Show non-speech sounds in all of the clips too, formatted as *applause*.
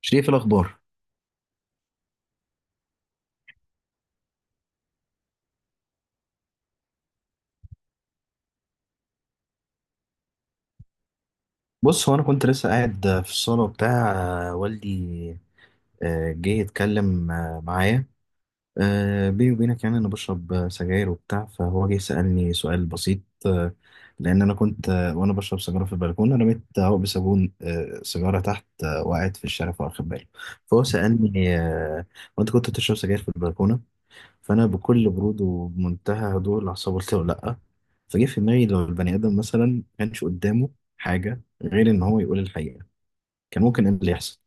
شريف الأخبار. بص، هو أنا كنت لسه قاعد في الصالة وبتاع، والدي جه يتكلم معايا. بيني وبينك، يعني أنا بشرب سجاير وبتاع، فهو جه سألني سؤال بسيط. آه، لأن أنا كنت وأنا بشرب سجارة في البلكونة، رميت هو بصابون سيجارة تحت وقعت في الشارع فواخد باله. فهو سألني: وأنت كنت بتشرب سجاير في البلكونة؟ فانا بكل برود وبمنتهى هدوء الاعصاب قلت له لا. فجه في دماغي، لو البني ادم مثلا ما كانش قدامه حاجه غير ان هو يقول الحقيقه، كان ممكن ايه اللي يحصل؟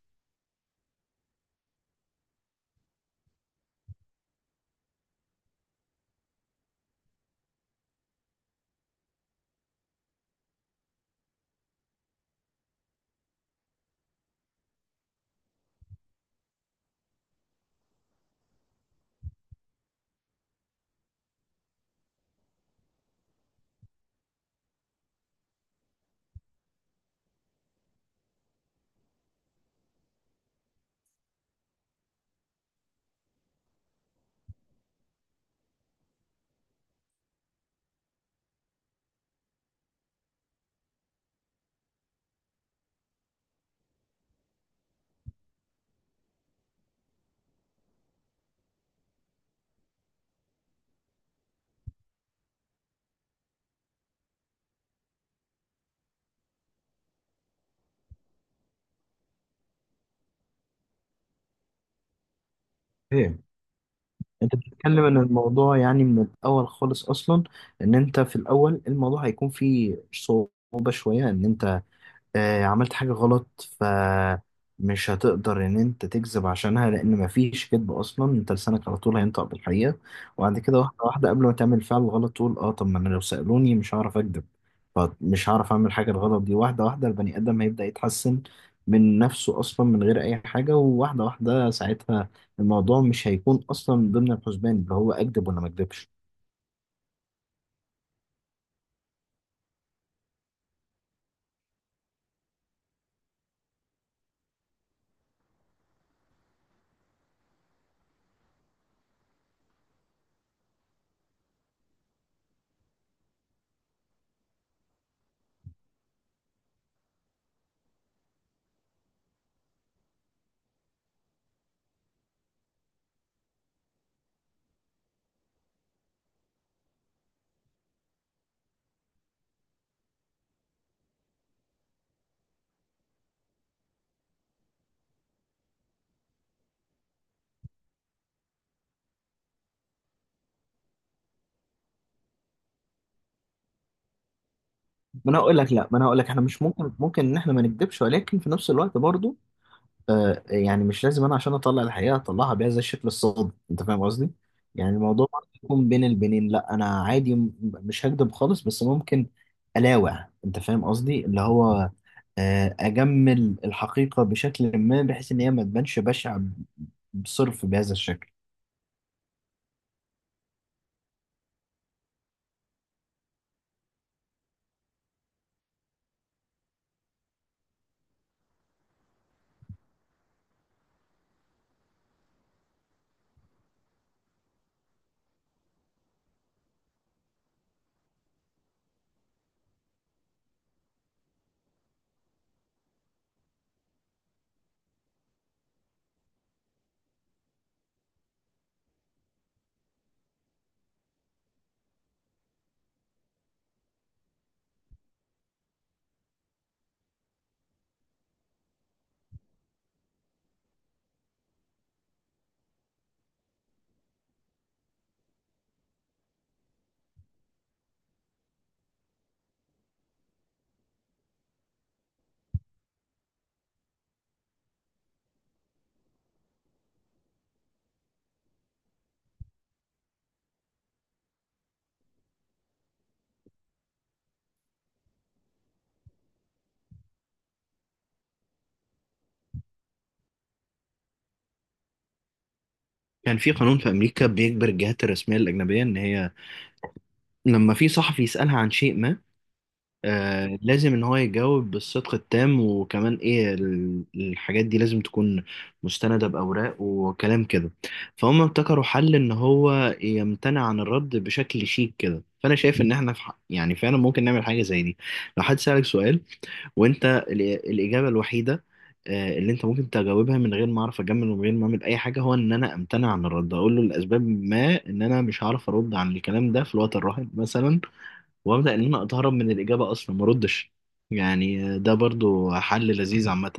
ايه، انت بتتكلم ان الموضوع يعني من الاول خالص اصلا، ان انت في الاول الموضوع هيكون فيه صعوبه شويه. ان انت عملت حاجة غلط فمش هتقدر إن أنت تكذب عشانها، لأن مفيش كذب أصلا. أنت لسانك على طول هينطق بالحقيقة. وبعد كده واحدة واحدة قبل ما تعمل فعل غلط تقول: أه، طب ما أنا لو سألوني مش هعرف أكذب، فمش هعرف أعمل حاجة الغلط دي. واحدة واحدة البني آدم هيبدأ يتحسن من نفسه أصلا من غير أي حاجة، وواحدة واحدة ساعتها الموضوع مش هيكون أصلا من ضمن الحسبان اللي هو أكذب ولا ما أكذبش. ما أنا هقول لك، لأ، ما أنا هقول لك إحنا مش ممكن إن إحنا ما نكذبش، ولكن في نفس الوقت برضه يعني مش لازم انا عشان اطلع الحقيقه اطلعها بيها زي الشكل الصادم. انت فاهم قصدي؟ يعني الموضوع برضه يكون بين البنين، لا انا عادي مش هكدب خالص، بس ممكن الاوع. انت فاهم قصدي؟ اللي هو اجمل الحقيقه بشكل ما بحيث ان هي ما تبانش بشعه بصرف بهذا الشكل. كان في قانون في امريكا بيجبر الجهات الرسميه الاجنبيه ان هي لما في صحفي يسالها عن شيء ما، لازم ان هو يجاوب بالصدق التام، وكمان ايه الحاجات دي لازم تكون مستندة بأوراق وكلام كده. فهم ابتكروا حل ان هو يمتنع عن الرد بشكل شيك كده. فانا شايف ان احنا يعني فعلا ممكن نعمل حاجة زي دي. لو حد سألك سؤال وانت الإجابة الوحيدة اللي انت ممكن تجاوبها من غير ما اعرف اجمل ومن غير ما اعمل اي حاجه، هو ان انا امتنع عن الرد. اقول له لاسباب ما ان انا مش هعرف ارد عن الكلام ده في الوقت الراهن مثلا، وابدا ان انا اتهرب من الاجابه اصلا ما اردش. يعني ده برضو حل لذيذ عامه.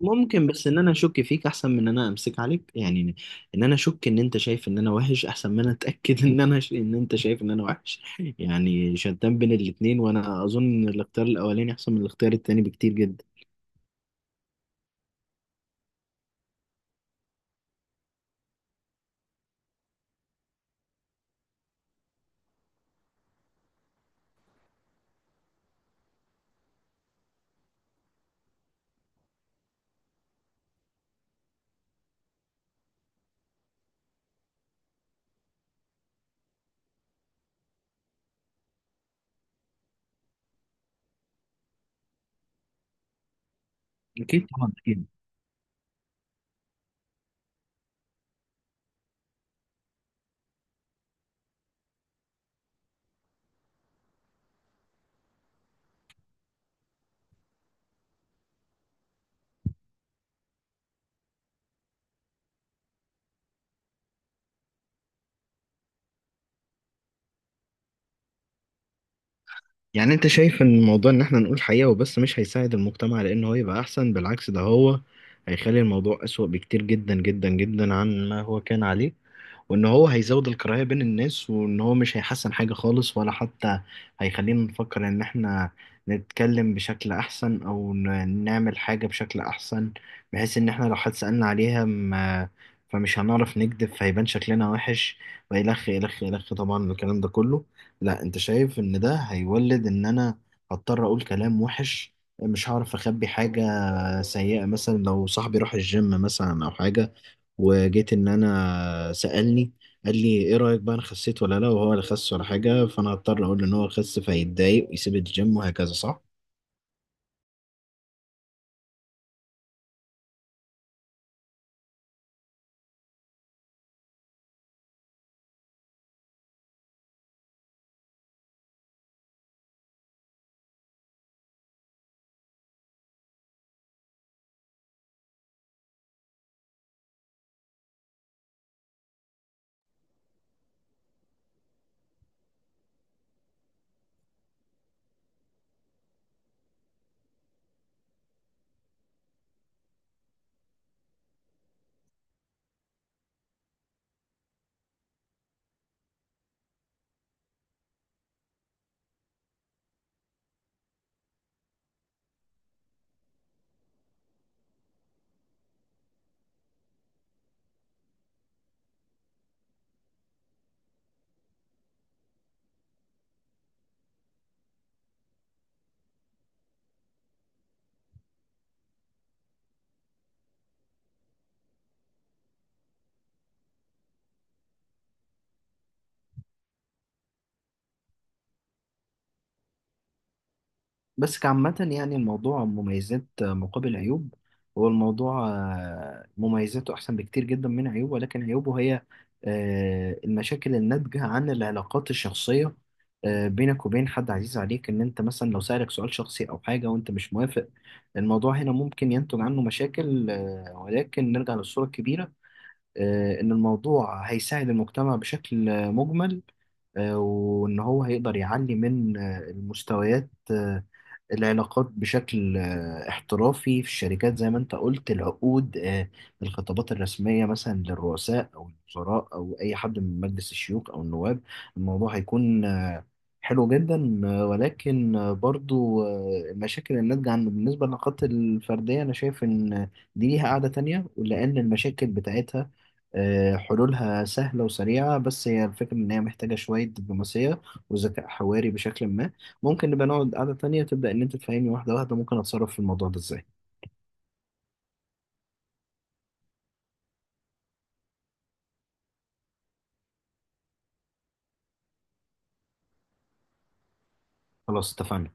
ممكن بس ان انا اشك فيك احسن من ان انا امسك عليك، يعني ان انا اشك ان انت شايف ان انا وحش احسن ما انا اتاكد *laughs* ان انا ان انت شايف ان انا وحش. يعني شتان بين الاتنين، وانا اظن ان الاختيار الاولاني احسن من الاختيار التاني بكتير جدا. أكيد، طبعا، أكيد. يعني أنت شايف إن الموضوع إن إحنا نقول حقيقة وبس مش هيساعد المجتمع لأن هو يبقى أحسن، بالعكس ده هو هيخلي الموضوع أسوأ بكتير جدا جدا جدا عن ما هو كان عليه، وان هو هيزود الكراهية بين الناس، وان هو مش هيحسن حاجة خالص، ولا حتى هيخلينا نفكر ان احنا نتكلم بشكل احسن او نعمل حاجة بشكل احسن، بحيث ان احنا لو حد سألنا عليها ما، فمش هنعرف نكذب فهيبان شكلنا وحش، وإلخ إلخ إلخ، طبعا الكلام ده كله. لا، انت شايف ان ده هيولد ان انا هضطر اقول كلام وحش، مش هعرف اخبي حاجة سيئة. مثلا لو صاحبي راح الجيم مثلا او حاجة، وجيت ان انا سألني قال لي: ايه رأيك بقى، انا خسيت ولا لا؟ وهو اللي خس ولا حاجة، فانا هضطر اقول له ان هو خس فيتضايق ويسيب الجيم وهكذا، صح؟ بس كعامة يعني الموضوع مميزات مقابل عيوب. هو الموضوع مميزاته أحسن بكتير جدا من عيوبه، ولكن عيوبه هي المشاكل الناتجة عن العلاقات الشخصية، بينك وبين حد عزيز عليك. إن أنت مثلا لو سألك سؤال شخصي أو حاجة وأنت مش موافق، الموضوع هنا ممكن ينتج عنه مشاكل، ولكن نرجع للصورة الكبيرة. إن الموضوع هيساعد المجتمع بشكل مجمل، وإن هو هيقدر يعلي من المستويات، العلاقات بشكل احترافي في الشركات زي ما أنت قلت، العقود، الخطابات الرسمية مثلا للرؤساء أو الوزراء أو أي حد من مجلس الشيوخ أو النواب، الموضوع هيكون حلو جدا. ولكن برضو المشاكل الناتجة عنه بالنسبة للعلاقات الفردية أنا شايف إن دي ليها قاعدة تانية، ولأن المشاكل بتاعتها حلولها سهلة وسريعة، بس هي الفكرة إن هي محتاجة شوية دبلوماسية وذكاء حواري بشكل ما. ممكن نبقى نقعد قعدة تانية تبدأ إن أنت تفهمني واحدة واحدة، ممكن أتصرف في الموضوع ده إزاي. خلاص، اتفقنا.